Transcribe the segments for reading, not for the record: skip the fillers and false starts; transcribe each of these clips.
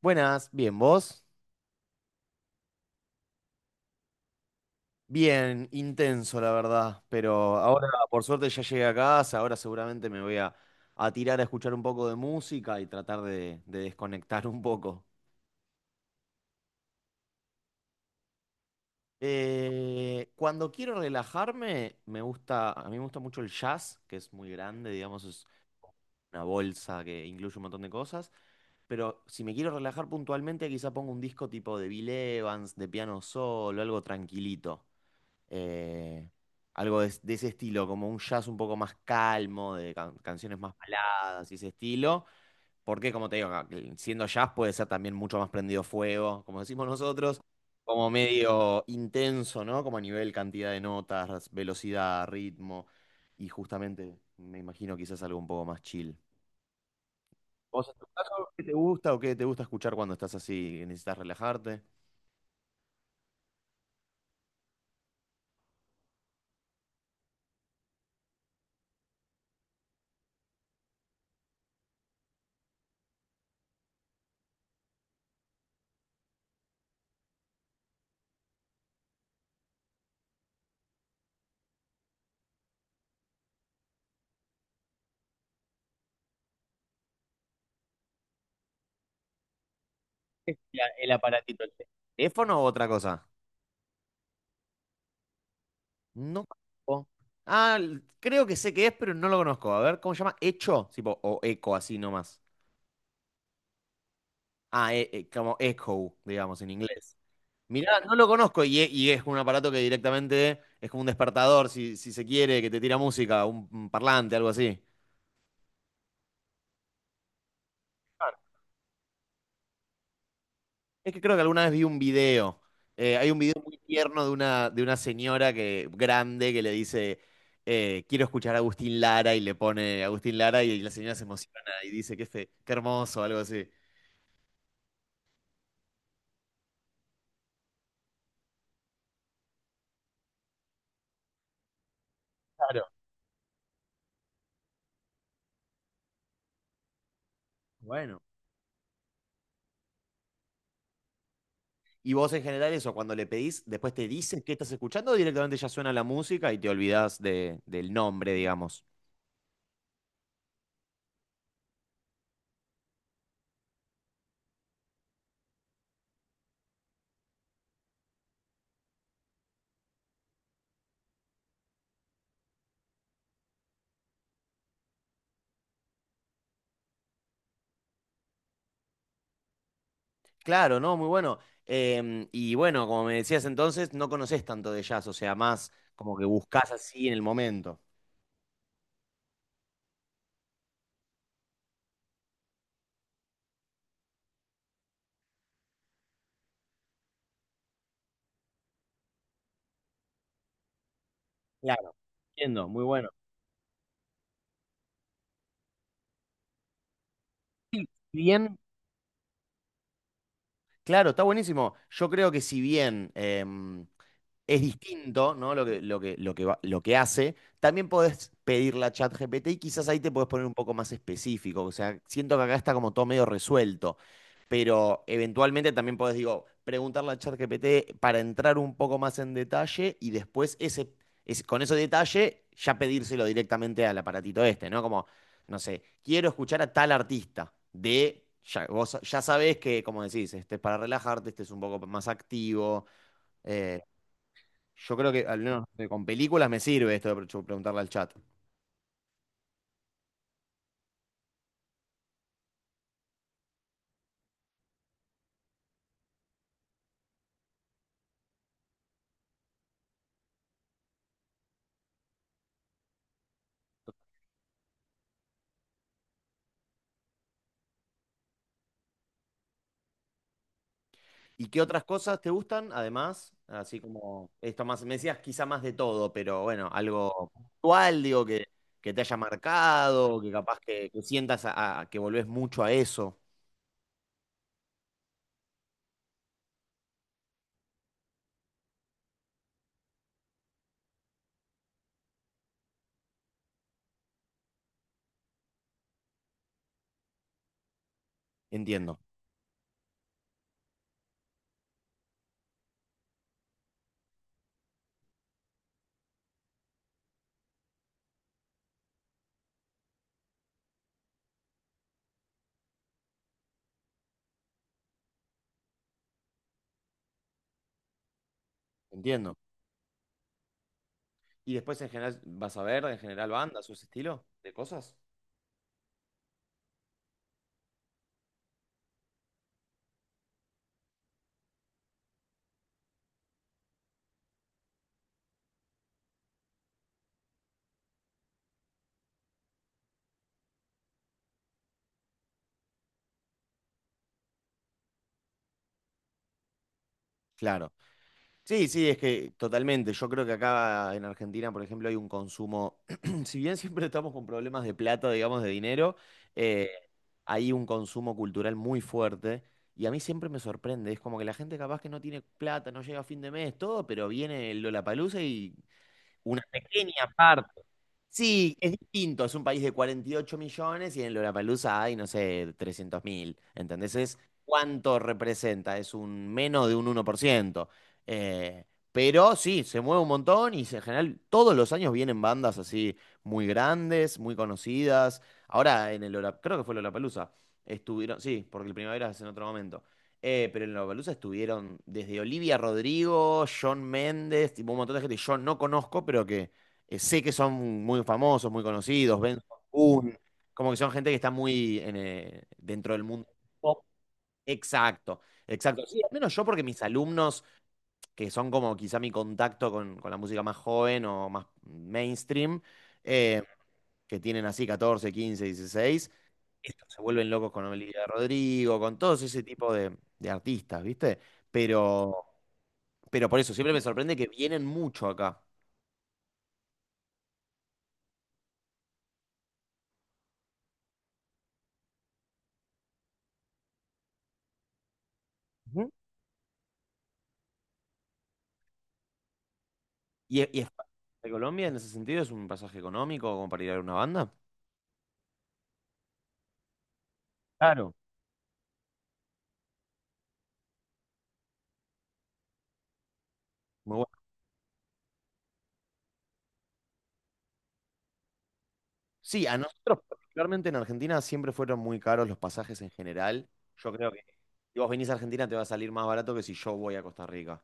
Buenas, bien, ¿vos? Bien, intenso la verdad, pero ahora por suerte ya llegué a casa, ahora seguramente me voy a tirar a escuchar un poco de música y tratar de desconectar un poco. Cuando quiero relajarme, me gusta, a mí me gusta mucho el jazz, que es muy grande, digamos, es una bolsa que incluye un montón de cosas, pero si me quiero relajar puntualmente, quizá pongo un disco tipo de Bill Evans, de piano solo, algo tranquilito. eh, Algo de ese estilo, como un jazz un poco más calmo, de canciones más baladas y ese estilo, porque como te digo, siendo jazz puede ser también mucho más prendido fuego, como decimos nosotros, como medio intenso, ¿no? Como a nivel cantidad de notas, velocidad, ritmo, y justamente me imagino quizás algo un poco más chill. ¿Vos en tu caso, qué te gusta o qué te gusta escuchar cuando estás así, que necesitas relajarte? ¿ El aparatito, el teléfono o otra cosa? No conozco. Ah, creo que sé qué es, pero no lo conozco. A ver, ¿cómo se llama? ¿Echo? Tipo, o eco, así nomás. Ah, como echo, digamos, en inglés. Mirá, no lo conozco y, y es un aparato que directamente es como un despertador, si, si se quiere, que te tira música, un parlante, algo así. Es que creo que alguna vez vi un video. Hay un video muy tierno de una señora que, grande que le dice, quiero escuchar a Agustín Lara y le pone Agustín Lara y, la señora se emociona y dice que, qué hermoso, algo así. Bueno. Y vos en general eso, cuando le pedís, después te dice qué estás escuchando, o directamente ya suena la música y te olvidás del nombre, digamos. Claro, ¿no? Muy bueno. Y bueno, como me decías entonces, no conoces tanto de jazz, o sea, más como que buscás así en el momento. Claro, entiendo, muy bueno. Bien, claro, está buenísimo. Yo creo que si bien es distinto, ¿no? Lo que hace. También podés pedirla a ChatGPT y quizás ahí te podés poner un poco más específico. O sea, siento que acá está como todo medio resuelto. Pero eventualmente también podés, digo, preguntarle a ChatGPT para entrar un poco más en detalle y después con ese detalle ya pedírselo directamente al aparatito este, ¿no? Como, no sé, quiero escuchar a tal artista de. Ya, vos ya sabés que, como decís, este es para relajarte, este es un poco más activo. eh, yo creo que al menos con películas me sirve esto de yo preguntarle al chat. ¿Y qué otras cosas te gustan? Además, así como esto más, me decías quizá más de todo, pero bueno, algo puntual, digo, que te haya marcado, que capaz que sientas que volvés mucho a eso. Entiendo, entiendo. Y después en general, ¿vas a ver en general bandas o ese estilo de cosas? Claro. Sí, sí, es que totalmente. Yo creo que acá en Argentina, por ejemplo, hay un consumo, si bien siempre estamos con problemas de plata, digamos, de dinero, eh, hay un consumo cultural muy fuerte y a mí siempre me sorprende. Es como que la gente capaz que no tiene plata, no llega a fin de mes, todo, pero viene el Lollapalooza y una pequeña parte. Sí, es distinto, es un país de 48 millones y en Lollapalooza hay, no sé, 300 mil, ¿entendés? Es cuánto representa, es un menos de un 1%. Eh, pero sí, se mueve un montón y en general todos los años vienen bandas así muy grandes, muy conocidas. Ahora en el Lola, creo que fue Lollapalooza, estuvieron, sí, porque el Primavera es en otro momento. Pero en Lollapalooza estuvieron desde Olivia Rodrigo, Shawn Mendes, tipo un montón de gente que yo no conozco, pero que sé que son muy famosos, muy conocidos, Benson Boone, como que son gente que está muy en, dentro del mundo pop. Exacto, exacto. Sí, al menos yo porque mis alumnos, que son como quizá mi contacto con la música más joven o más mainstream, eh, que tienen así 14, 15, 16, estos se vuelven locos con Olivia Rodrigo, con todos ese tipo de artistas, ¿viste? Pero, pero por eso siempre me sorprende que vienen mucho acá. ¿Y, de Colombia en ese sentido es un pasaje económico como para ir a ver una banda? Claro, muy. Sí, a nosotros, particularmente en Argentina, siempre fueron muy caros los pasajes en general. Yo creo que si vos venís a Argentina te va a salir más barato que si yo voy a Costa Rica.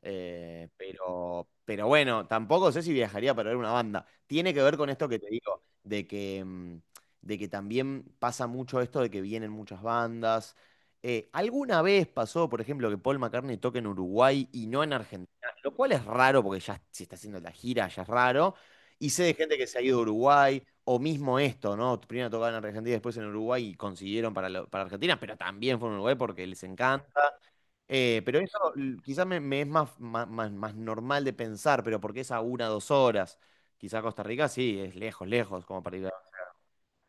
Pero bueno, tampoco sé si viajaría para ver una banda. Tiene que ver con esto que te digo, de que, de que también pasa mucho esto de que vienen muchas bandas. ¿Alguna vez pasó, por ejemplo, que Paul McCartney toque en Uruguay y no en Argentina? Lo cual es raro porque ya si está haciendo la gira, ya es raro. Y sé de gente que se ha ido a Uruguay, o mismo esto, ¿no? Primero tocaban en Argentina, después en Uruguay y consiguieron para, para Argentina, pero también fueron a Uruguay porque les encanta. Pero eso quizás me, más, más normal de pensar, pero porque es a una o dos horas. Quizás Costa Rica sí, es lejos, lejos, como para ir a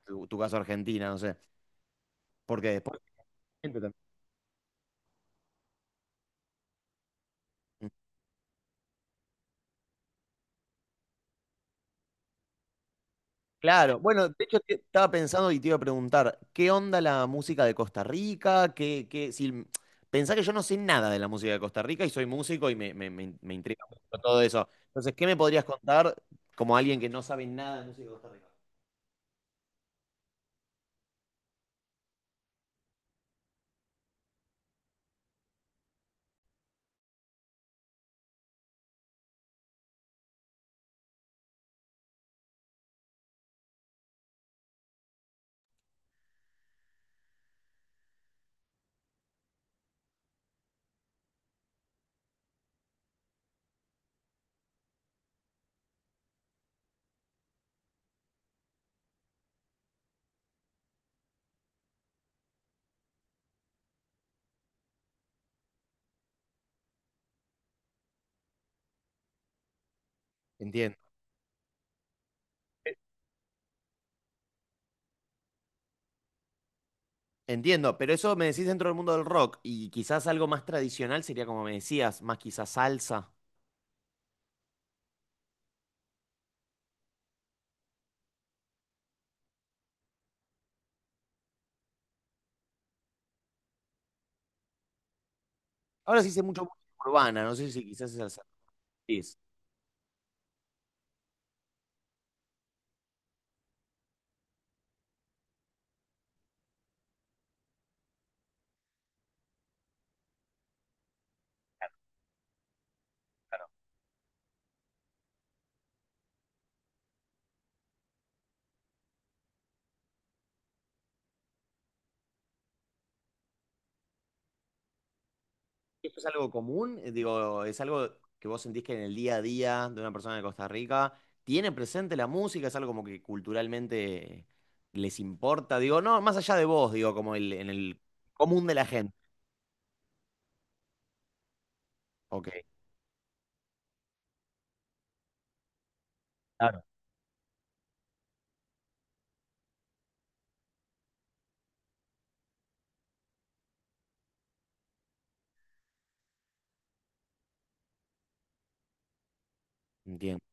tu, tu caso a Argentina, no sé. Porque después. Claro, bueno, de hecho estaba pensando y te iba a preguntar, ¿qué onda la música de Costa Rica? ¿Qué, qué, si, m- Pensá que yo no sé nada de la música de Costa Rica y soy músico y me, me intriga mucho todo eso. Entonces, ¿qué me podrías contar como alguien que no sabe nada de música de Costa Rica? Entiendo, entiendo, pero eso me decís dentro del mundo del rock y quizás algo más tradicional sería como me decías, más quizás salsa. Ahora sí sé mucho música urbana, no sé si quizás es el salsa. ¿Esto es algo común? Digo, ¿es algo que vos sentís que en el día a día de una persona de Costa Rica tiene presente la música? ¿Es algo como que culturalmente les importa? Digo, no, más allá de vos, digo, como el, en el común de la gente. Ok, claro. Entiendo.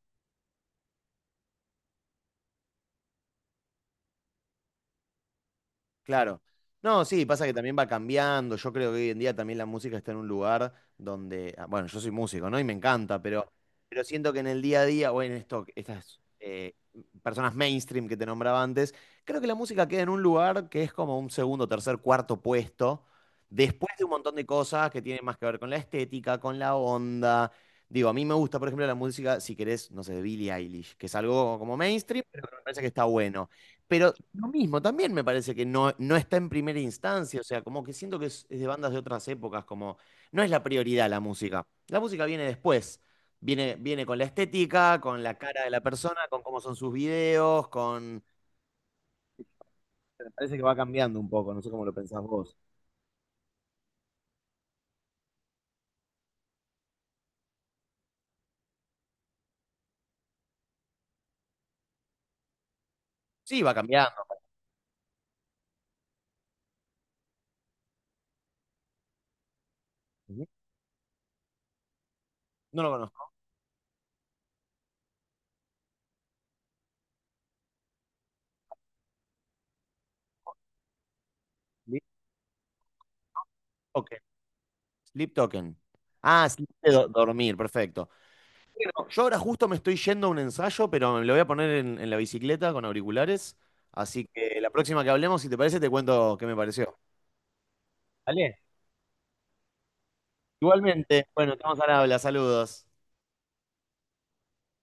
Claro. No, sí, pasa que también va cambiando. Yo creo que hoy en día también la música está en un lugar donde, ah, bueno, yo soy músico, ¿no? Y me encanta, pero siento que en el día a día, o en esto, estas personas mainstream que te nombraba antes, creo que la música queda en un lugar que es como un segundo, tercer, cuarto puesto, después de un montón de cosas que tienen más que ver con la estética, con la onda. Digo, a mí me gusta, por ejemplo, la música, si querés, no sé, de Billie Eilish, que es algo como mainstream, pero que me parece que está bueno. Pero lo mismo, también me parece que no, no está en primera instancia, o sea, como que siento que es de bandas de otras épocas, como no es la prioridad la música. La música viene después, viene, viene con la estética, con la cara de la persona, con cómo son sus videos, con... Me parece que va cambiando un poco, no sé cómo lo pensás vos. Sí, va cambiando. Ujú. No lo conozco. Sleep Token. Sleep Token. Ah, Sleep de dormir, perfecto. Bueno, yo ahora justo me estoy yendo a un ensayo, pero me lo voy a poner en la bicicleta con auriculares. Así que la próxima que hablemos, si te parece, te cuento qué me pareció. ¿Vale? Igualmente. Bueno, estamos al habla. Saludos.